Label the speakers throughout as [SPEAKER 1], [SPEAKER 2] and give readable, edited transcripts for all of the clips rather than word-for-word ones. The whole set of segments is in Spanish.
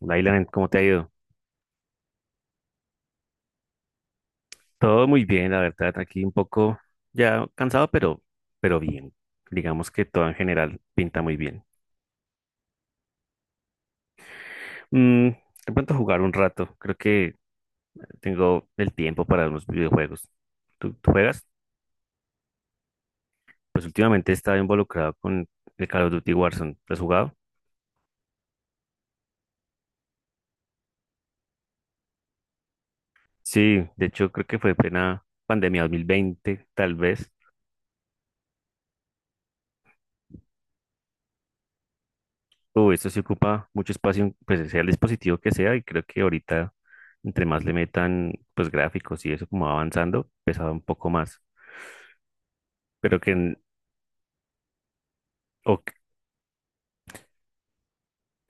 [SPEAKER 1] Lailan, ¿cómo te ha ido? Todo muy bien, la verdad, aquí un poco ya cansado, pero bien. Digamos que todo en general pinta muy bien. De pronto jugar un rato, creo que tengo el tiempo para unos videojuegos. ¿Tú juegas? Pues últimamente he estado involucrado con el Call of Duty Warzone. ¿Lo has jugado? Sí, de hecho creo que fue plena pandemia 2020, tal vez. Uy, esto sí ocupa mucho espacio, pues sea el dispositivo que sea, y creo que ahorita, entre más le metan, pues gráficos y eso como va avanzando, pesaba un poco más. Pero que, en- o- que-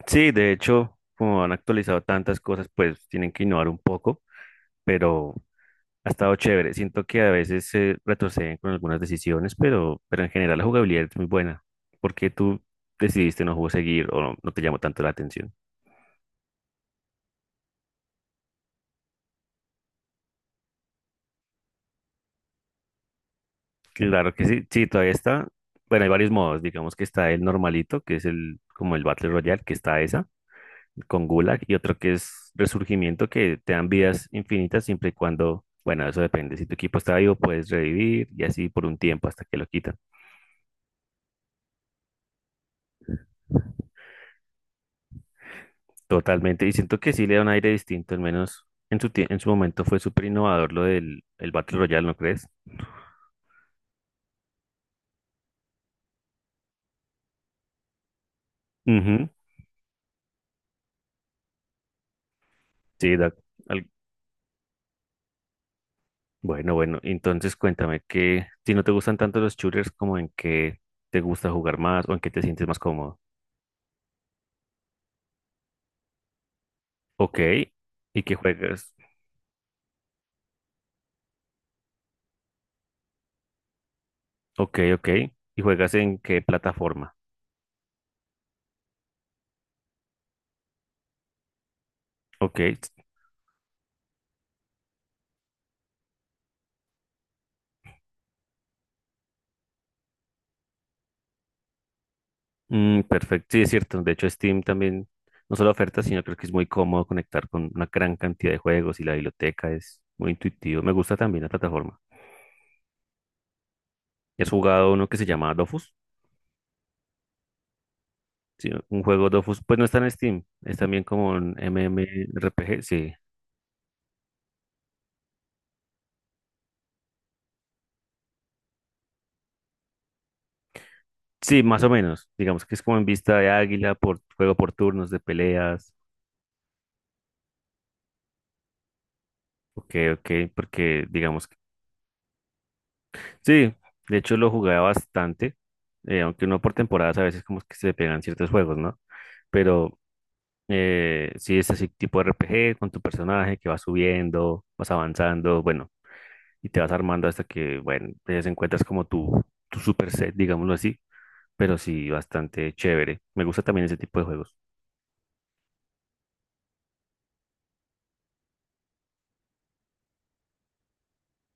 [SPEAKER 1] Sí, de hecho, como han actualizado tantas cosas, pues tienen que innovar un poco. Pero ha estado chévere. Siento que a veces se retroceden con algunas decisiones, pero en general la jugabilidad es muy buena. ¿Por qué tú decidiste no jugar seguir o no, no te llamó tanto la atención? Claro que sí, sí, todavía está. Bueno, hay varios modos. Digamos que está el normalito, que es el como el Battle Royale, que está esa. Con Gulag y otro que es Resurgimiento, que te dan vidas infinitas siempre y cuando, bueno, eso depende. Si tu equipo está vivo, puedes revivir y así por un tiempo hasta que lo quitan. Totalmente. Y siento que sí le da un aire distinto, al menos en su momento fue súper innovador lo del el Battle Royale, ¿no crees? Ujú. Sí, al- bueno, bueno, entonces cuéntame que si no te gustan tanto los shooters, como en qué te gusta jugar más o en qué te sientes más cómodo. Ok, y qué juegas. Ok, ok, y juegas en qué plataforma. Ok, perfecto. Sí, es cierto. De hecho, Steam también no solo oferta, sino creo que es muy cómodo conectar con una gran cantidad de juegos y la biblioteca es muy intuitivo. Me gusta también la plataforma. ¿Has jugado uno que se llama Dofus? Sí, un juego Dofus, pues no está en Steam, es también como un MMORPG, sí. Sí, más o menos. Digamos que es como en vista de águila, por juego por turnos de peleas. Ok, ok, porque digamos. Sí, de hecho lo jugaba bastante, aunque no por temporadas, a veces como que se pegan ciertos juegos, ¿no? Pero sí es así tipo RPG con tu personaje que vas subiendo, vas avanzando, bueno, y te vas armando hasta que, bueno, te encuentras como tu super set, digámoslo así, pero sí bastante chévere. Me gusta también ese tipo de juegos.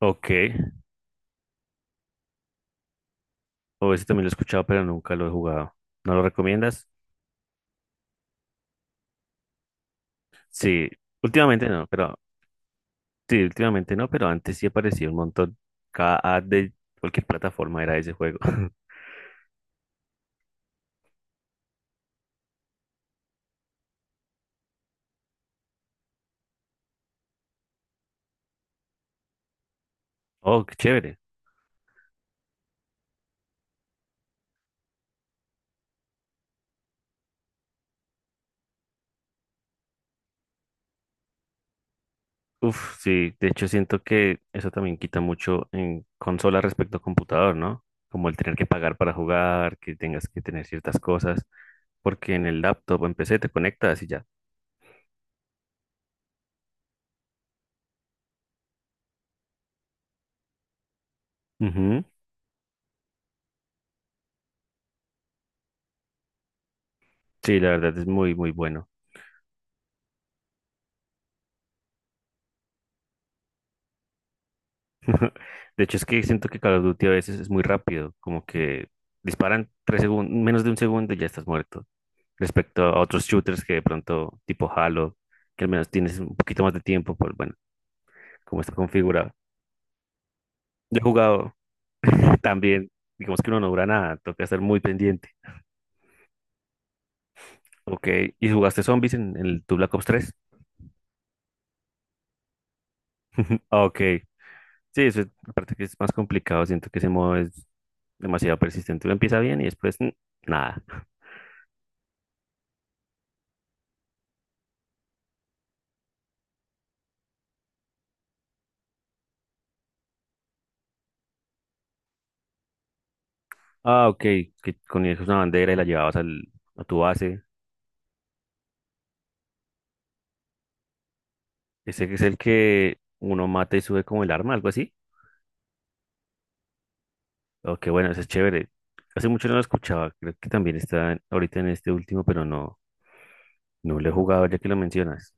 [SPEAKER 1] Ok, o ese también lo he escuchado, pero nunca lo he jugado. ¿No lo recomiendas? Sí, últimamente no, pero Sí, últimamente no, pero antes sí aparecía un montón. Cada ad de cualquier plataforma era ese juego. Oh, qué chévere. Uf, sí, de hecho siento que eso también quita mucho en consola respecto a computador, ¿no? Como el tener que pagar para jugar, que tengas que tener ciertas cosas, porque en el laptop o en PC te conectas y ya. Ujú. Sí, la verdad es muy, muy bueno. De hecho es que siento que Call of Duty a veces es muy rápido, como que disparan 3 segundos, menos de un segundo y ya estás muerto. Respecto a otros shooters que de pronto, tipo Halo, que al menos tienes un poquito más de tiempo por, bueno, cómo está configurado. Yo he jugado también, digamos que uno no dura nada, toca estar muy pendiente. Ok, ¿y jugaste zombies en tu Black Ops 3? Ok, sí, eso es, aparte que es más complicado, siento que ese modo es demasiado persistente. Uno empieza bien y después nada. Ah, ok, que ponías una bandera y la llevabas a tu base. Ese que es el que uno mata y sube como el arma, algo así. Oh, qué bueno, eso es chévere. Hace mucho no lo escuchaba, creo que también está ahorita en este último, pero no, no lo he jugado ya que lo mencionas.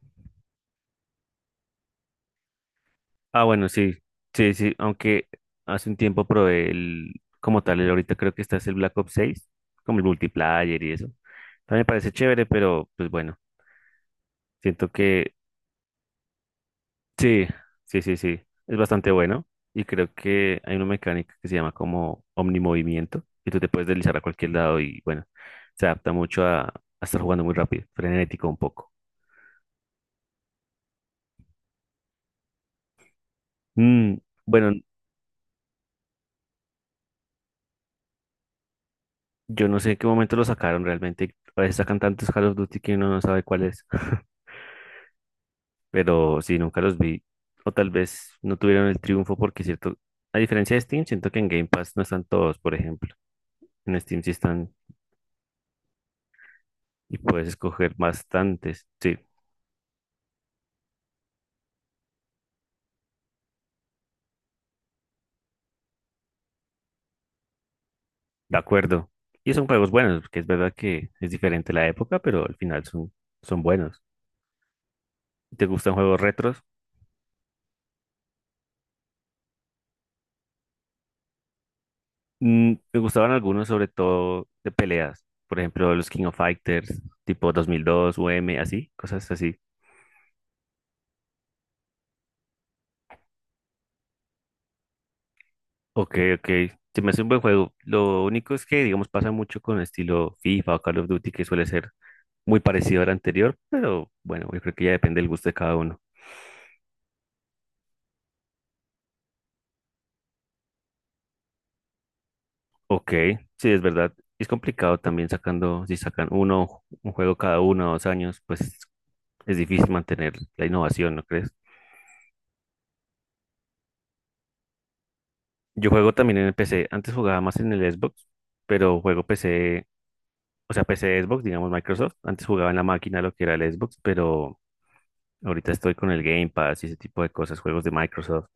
[SPEAKER 1] Ah, bueno, sí, sí, sí, aunque hace un tiempo probé el, como tal, el ahorita creo que está es el Black Ops 6, como el multiplayer y eso. También me parece chévere, pero pues bueno, siento que. Sí, sí, sí, sí. Es bastante bueno. Y creo que hay una mecánica que se llama como omnimovimiento. Y tú te puedes deslizar a cualquier lado y bueno, se adapta mucho a estar jugando muy rápido, frenético un poco. Mm, bueno, yo no sé en qué momento lo sacaron realmente. A veces sacan tantos Call of Duty que uno no sabe cuál es. Pero sí, nunca los vi. O tal vez no tuvieron el triunfo porque cierto, a diferencia de Steam, siento que en Game Pass no están todos, por ejemplo. En Steam sí están y puedes escoger bastantes. Sí. De acuerdo. Y son juegos buenos, porque es verdad que es diferente la época, pero al final son buenos. ¿Te gustan juegos retros? Me gustaban algunos, sobre todo de peleas. Por ejemplo, los King of Fighters, tipo 2002, UM, así, cosas así. Ok, ok. Se me hace un buen juego. Lo único es que, digamos, pasa mucho con el estilo FIFA o Call of Duty, que suele ser muy parecido al anterior, pero bueno, yo creo que ya depende del gusto de cada uno. Ok, sí, es verdad. Es complicado también sacando, si sacan un juego cada uno o dos años, pues es difícil mantener la innovación, ¿no crees? Yo juego también en el PC. Antes jugaba más en el Xbox, pero juego PC, o sea, PC Xbox, digamos Microsoft. Antes jugaba en la máquina lo que era el Xbox, pero ahorita estoy con el Game Pass y ese tipo de cosas, juegos de Microsoft.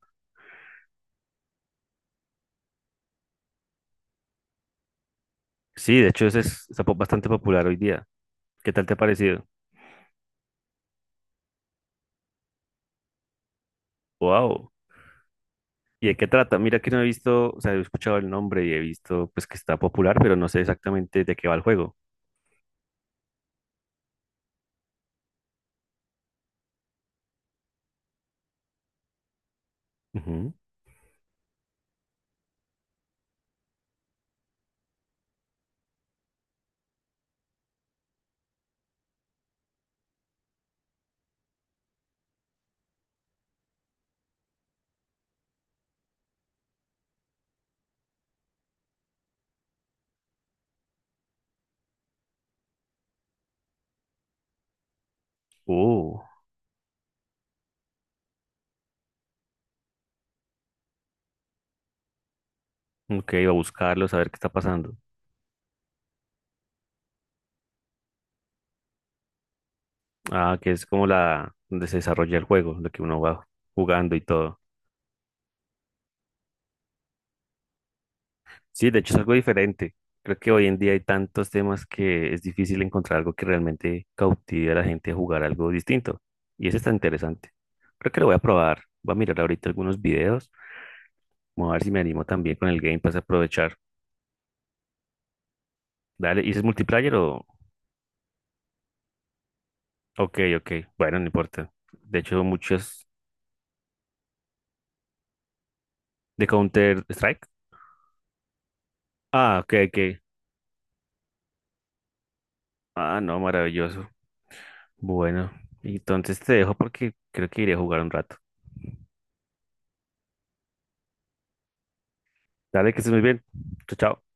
[SPEAKER 1] Sí, de hecho, ese es bastante popular hoy día. ¿Qué tal te ha parecido? ¡Wow! ¿Y de qué trata? Mira que no he visto, o sea, he escuchado el nombre y he visto pues que está popular, pero no sé exactamente de qué va el juego. Ujú. Oh, ok, voy a buscarlo, saber qué está pasando. Ah, que es como la donde se desarrolla el juego, lo que uno va jugando y todo. Sí, de hecho es algo diferente. Creo que hoy en día hay tantos temas que es difícil encontrar algo que realmente cautive a la gente a jugar algo distinto. Y ese está interesante. Creo que lo voy a probar. Voy a mirar ahorita algunos videos. Vamos a ver si me animo también con el Game Pass a aprovechar. Dale, ¿y ese es multiplayer o...? Ok, ok, bueno, no importa. De hecho, muchos de Counter-Strike. Ah, ok, ok. Ah, no, maravilloso. Bueno, entonces te dejo porque creo que iré a jugar un rato. Dale, que estés muy bien. Chao, chao.